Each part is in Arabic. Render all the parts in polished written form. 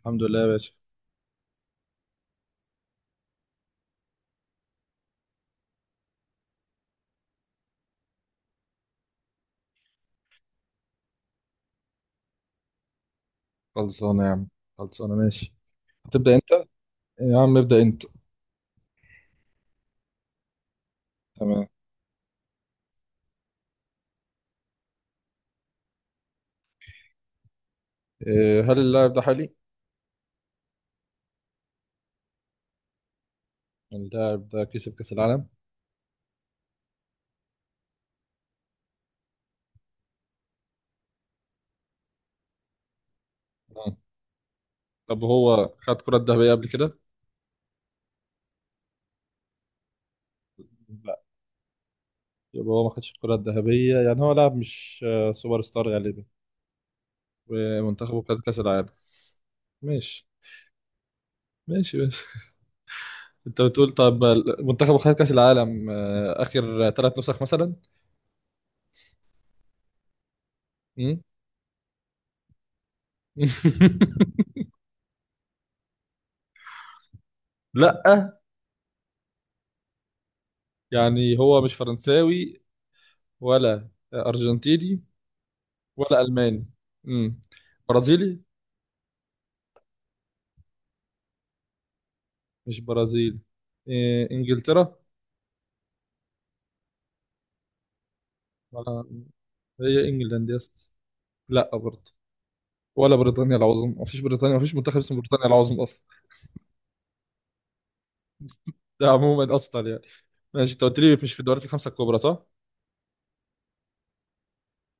الحمد لله يا باشا. خلصانة يا عم. خلصانة ماشي. هتبدأ أنت. يا عم ابدأ أنت. تمام. إيه، هل اللاعب ده حالي؟ اللاعب ده كسب كأس العالم؟ آه. طب هو خد كرة ذهبية قبل كده؟ لا. يبقى هو ما خدش الكرة الذهبية، يعني هو لاعب مش سوبر ستار غالبا. ومنتخبه خد كأس العالم. ماشي ماشي ماشي. أنت بتقول طب منتخبه خد كأس العالم آخر ثلاث نسخ مثلا؟ مم؟ لا، يعني هو مش فرنساوي، ولا أرجنتيني، ولا ألماني. امم. برازيلي. مش برازيلي. إيه إنجلترا؟ ولا هي إنجلاند يا اسطى؟ لا برضه. ولا بريطانيا العظمى، مفيش بريطانيا، مفيش منتخب اسمه بريطانيا العظمى أصلا. ده عموما أصلا يعني. ماشي، أنت قلت لي مش في الدوريات الخمسة الكبرى صح؟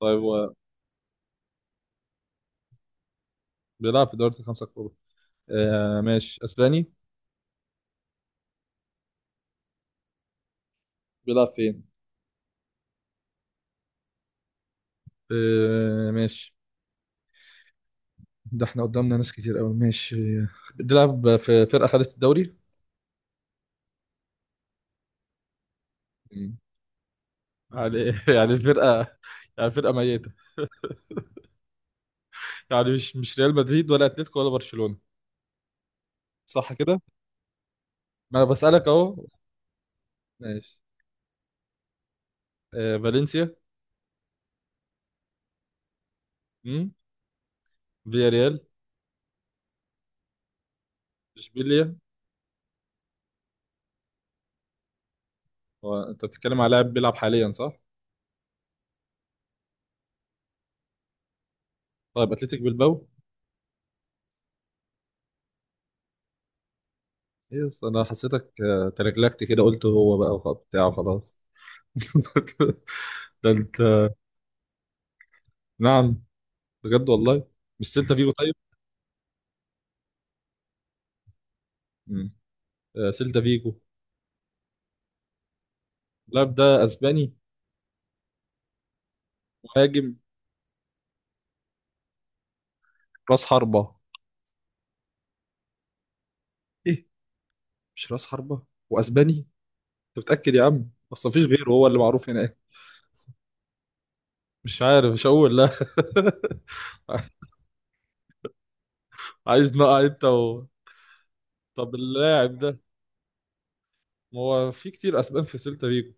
طيب هو بيلعب في الدوريات الخمسة الكبرى. آه ماشي، أسباني. بيلعب فين؟ آه ماشي. ده احنا قدامنا ناس كتير قوي. ماشي. بيلعب في فرقة خدت الدوري. يعني يعني الفرقة، يعني فرقة ميتة، يعني مش ريال مدريد، ولا اتلتيكو، ولا برشلونة، صح كده؟ ما انا بسألك اهو. ماشي. آه فالنسيا. امم. فيا ريال. اشبيليا. هو انت بتتكلم على لاعب بيلعب حاليا صح؟ طيب اتلتيك بالباو. ايه، أصل انا حسيتك تلجلجت كده قلت هو بقى بتاع وخلاص. ده انت. نعم. بجد والله. مش سيلتا فيجو طيب؟ امم. آه سيلتا فيجو. اللاعب ده اسباني. مهاجم. راس حربة. ايه، مش راس حربة، واسباني. انت متأكد يا عم؟ اصل مفيش غيره هو اللي معروف هناك. مش عارف، مش هقول لا. عايز نقع انت و. طب اللاعب ده، ما هو في كتير اسبان في سيلتا فيجو،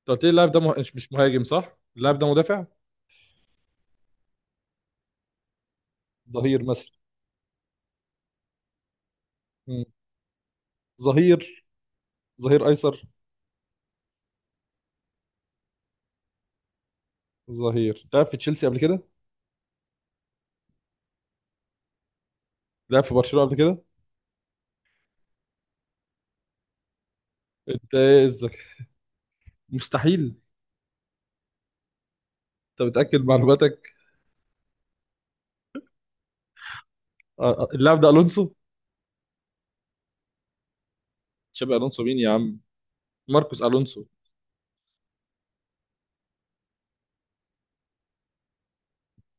انت قلت لي اللاعب ده مش مهاجم صح، اللاعب ده مدافع. ظهير مثلا. مم. ظهير. ظهير ايسر. ظهير لعب في تشيلسي قبل كده. لعب في برشلونة قبل كده. انت ايه الذكاء. مستحيل. انت متأكد من معلوماتك. اللاعب ده الونسو. تشابي الونسو مين يا عم، ماركوس الونسو.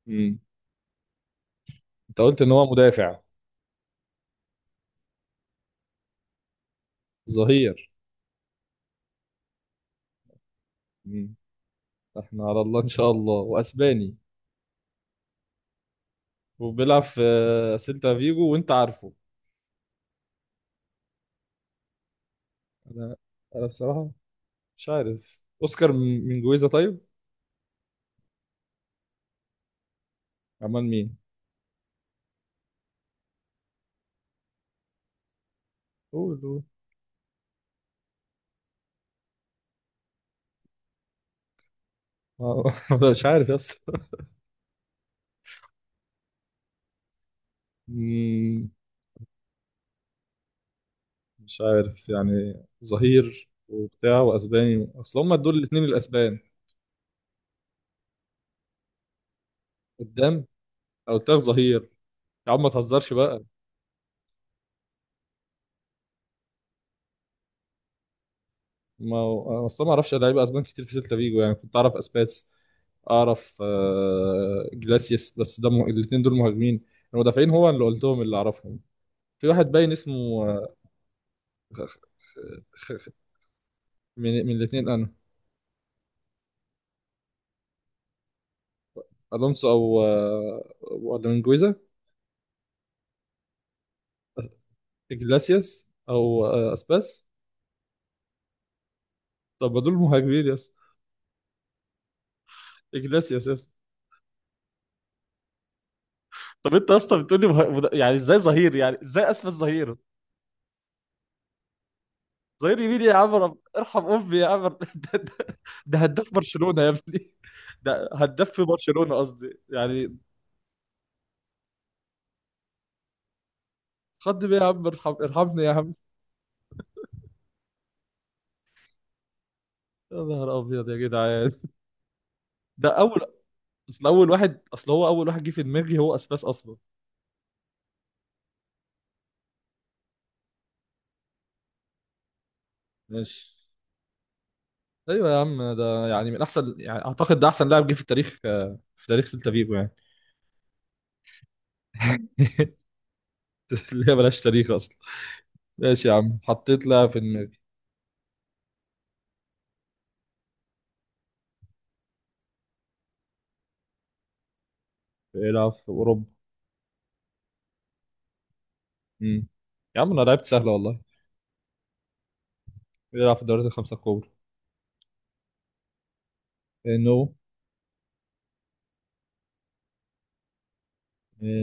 مم. انت قلت ان هو مدافع، ظهير. مم. احنا على الله ان شاء الله، واسباني، وبيلعب في سيلتا فيجو، وانت عارفه. انا انا بصراحه مش عارف. اوسكار من جويزا طيب؟ عمال مين. قول قول. آه، أنا مش عارف يا اسطى. مم. مش عارف، يعني ظهير وبتاع واسباني، اصل هما دول الاثنين الاسبان. قدام. انا قلت لك ظهير. يا عم ما تهزرش بقى. ما هو- اصل ما اعرفش لعيبه اسبان كتير في سيلتا فيجو، يعني كنت اعرف اسباس، اعرف جلاسيس، بس ده الاثنين دول مهاجمين. المدافعين هو اللي قلتهم، اللي اعرفهم. في واحد باين اسمه خ... خ... خ... خ- من الاثنين انا. الونسو او ولا من جويزا. جلاسيس او اسباس. طب ما دول مهاجمين يا اسطى. جلاسيس يا اسطى. طب انت اصلا بتقول لي يعني ازاي ظهير، يعني ازاي اسفل ظهير. ظهير يمين يا عم. ارحم امي يا عم. ده, ده, ده هداف برشلونة يا ابني، ده هداف في برشلونة قصدي يعني. خد بيه يا عم، ارحم ارحمني يا عم. يا نهار ابيض يا جدعان. ده اول. اصل اول واحد، اصل هو اول واحد جه في دماغي هو اسباس اصلا. ماشي. ايوه يا عم، ده يعني من احسن، يعني اعتقد ده احسن لاعب جه في التاريخ، في تاريخ سيلتا فيجو يعني. اللي هي ملهاش تاريخ اصلا. ماشي يا عم حطيت لاعب في دماغي. بيلعب في اوروبا. امم. يا عم انا لعبت سهله والله. بيلعب في الدوريات الخمسه الكبرى. نو.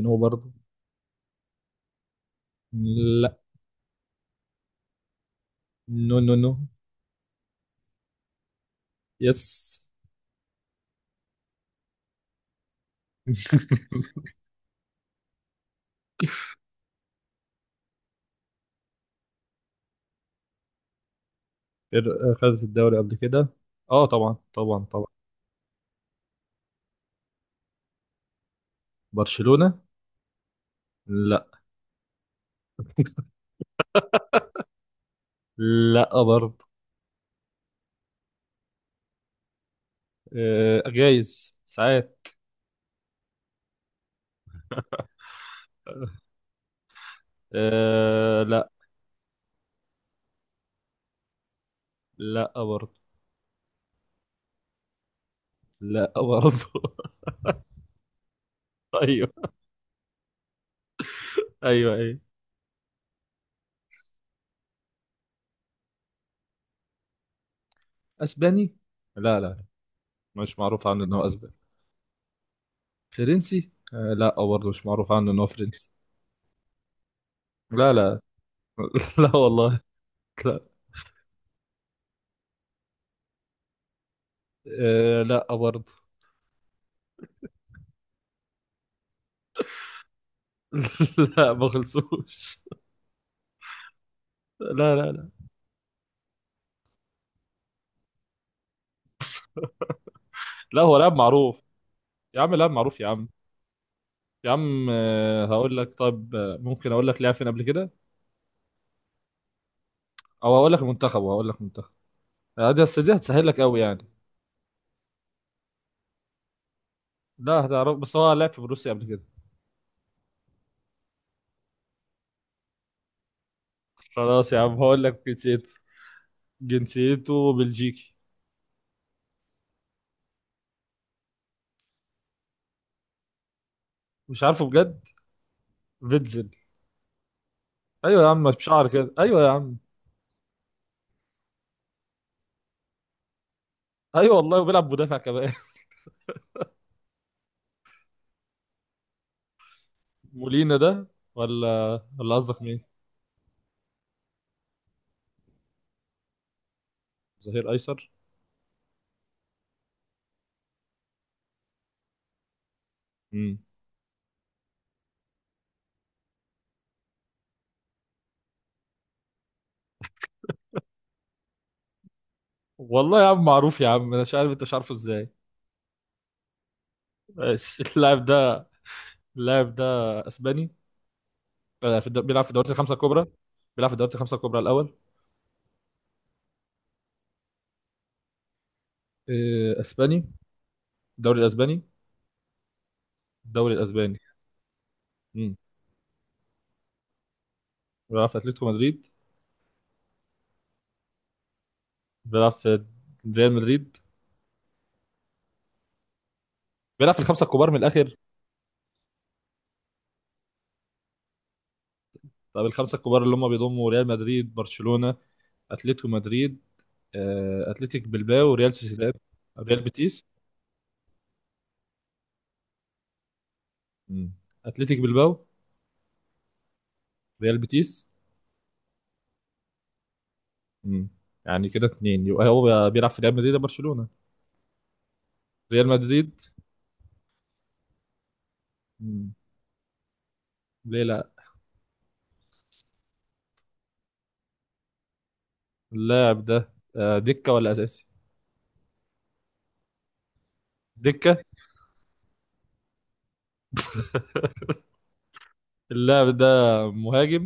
نو برضه. لا. نو نو نو. يس. خدت الدوري قبل كده. اه طبعا طبعا طبعا. برشلونة. لا. لا برضه. آه جايز ساعات. آه لا. لا برضه. لا برضه. ايوه ايوه ايوه. اسباني. لا لا، مش معروف عنه ان هو اسباني. فرنسي لا برضه، مش معروف عنه ان هو فرنسي. لا لا. لا والله. لا. آه لا برضه. لا ما خلصوش. لا لا لا. لا هو لاعب معروف. يا عم لاعب معروف يا عم. يا عم، هقول لك طيب، ممكن اقول لك لعب فين قبل كده، او هقول لك المنتخب، وهقول لك منتخب. دي بس دي هتسهل لك قوي يعني. لا هتعرف، بس هو لعب في بروسيا قبل كده. خلاص يا عم هقول لك جنسيته. جنسيته بلجيكي. مش عارفه بجد. فيتزل. ايوه يا عم، بشعر كده، ايوه يا عم. ايوه والله، وبيلعب مدافع كمان. مولينا ده، ولا قصدك مين؟ ظهير ايسر. مم. والله يا عم معروف يا عم، أنا مش عارف انت مش عارفه ازاي. بس اللاعب ده اسباني، في بيلعب في الدوريات الخمسه الكبرى. بيلعب في الدوريات الخمسه الكبرى الاول. اسباني. الدوري الاسباني. الدوري الاسباني. امم. بيلعب في اتلتيكو مدريد. بيلعب في ريال مدريد. بيلعب في الخمسه الكبار من الاخر. طب الخمسه الكبار اللي هم بيضموا ريال مدريد، برشلونه، اتلتيكو مدريد، اتلتيك بلباو، ريال سوسيداد، ريال بيتيس. مم. اتلتيك بلباو. ريال بيتيس. مم. يعني كده اتنين، يبقى هو بيلعب في ريال مدريد ولا برشلونة؟ ريال مدريد. مم. ليه لا. اللاعب ده دكة ولا أساسي؟ دكة. اللاعب ده مهاجم،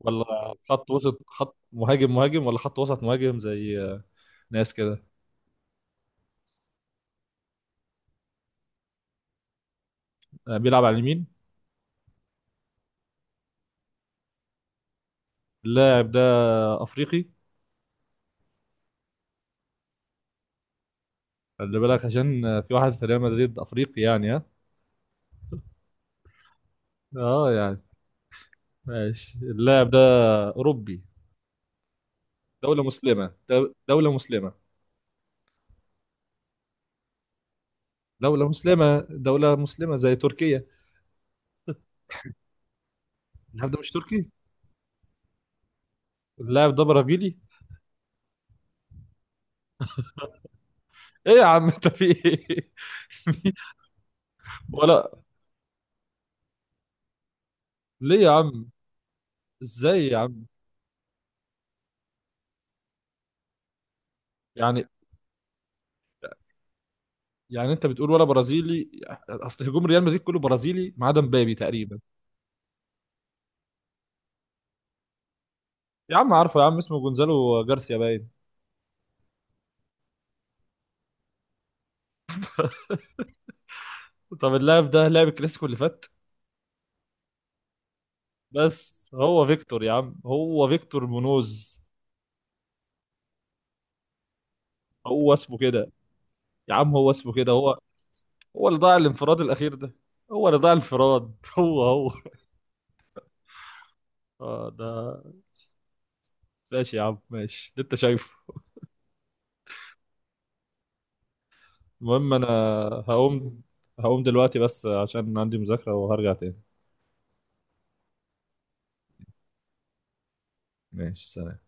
ولا خط وسط خط مهاجم، مهاجم ولا خط وسط مهاجم زي ناس كده. بيلعب على اليمين. اللاعب ده أفريقي. خلي بالك عشان في واحد في ريال مدريد أفريقي يعني ها. اه يعني. ماشي اللاعب ده أوروبي. دولة مسلمة دولة مسلمة. دولة مسلمة دولة مسلمة زي تركيا. اللاعب ده مش تركي. اللاعب ده برازيلي. ايه يا عم انت في ايه. ولا ليه يا عم، ازاي يا عم. يعني يعني انت بتقول ولا برازيلي، اصل هجوم ريال مدريد كله برازيلي ما عدا مبابي تقريبا. يا عم عارفه يا عم اسمه جونزالو جارسيا باين. طب اللاعب ده لعب الكلاسيكو اللي فات. بس هو فيكتور يا عم، هو فيكتور مونوز. هو اسمه كده، يا عم هو اسمه كده هو. هو اللي ضاع الانفراد الاخير ده. هو اللي ضاع الانفراد، هو هو. آه ده. ماشي يا عم، ماشي اللي انت شايفه. المهم انا هقوم هقوم دلوقتي بس عشان عندي مذاكرة، وهرجع تاني. ماشي سلام.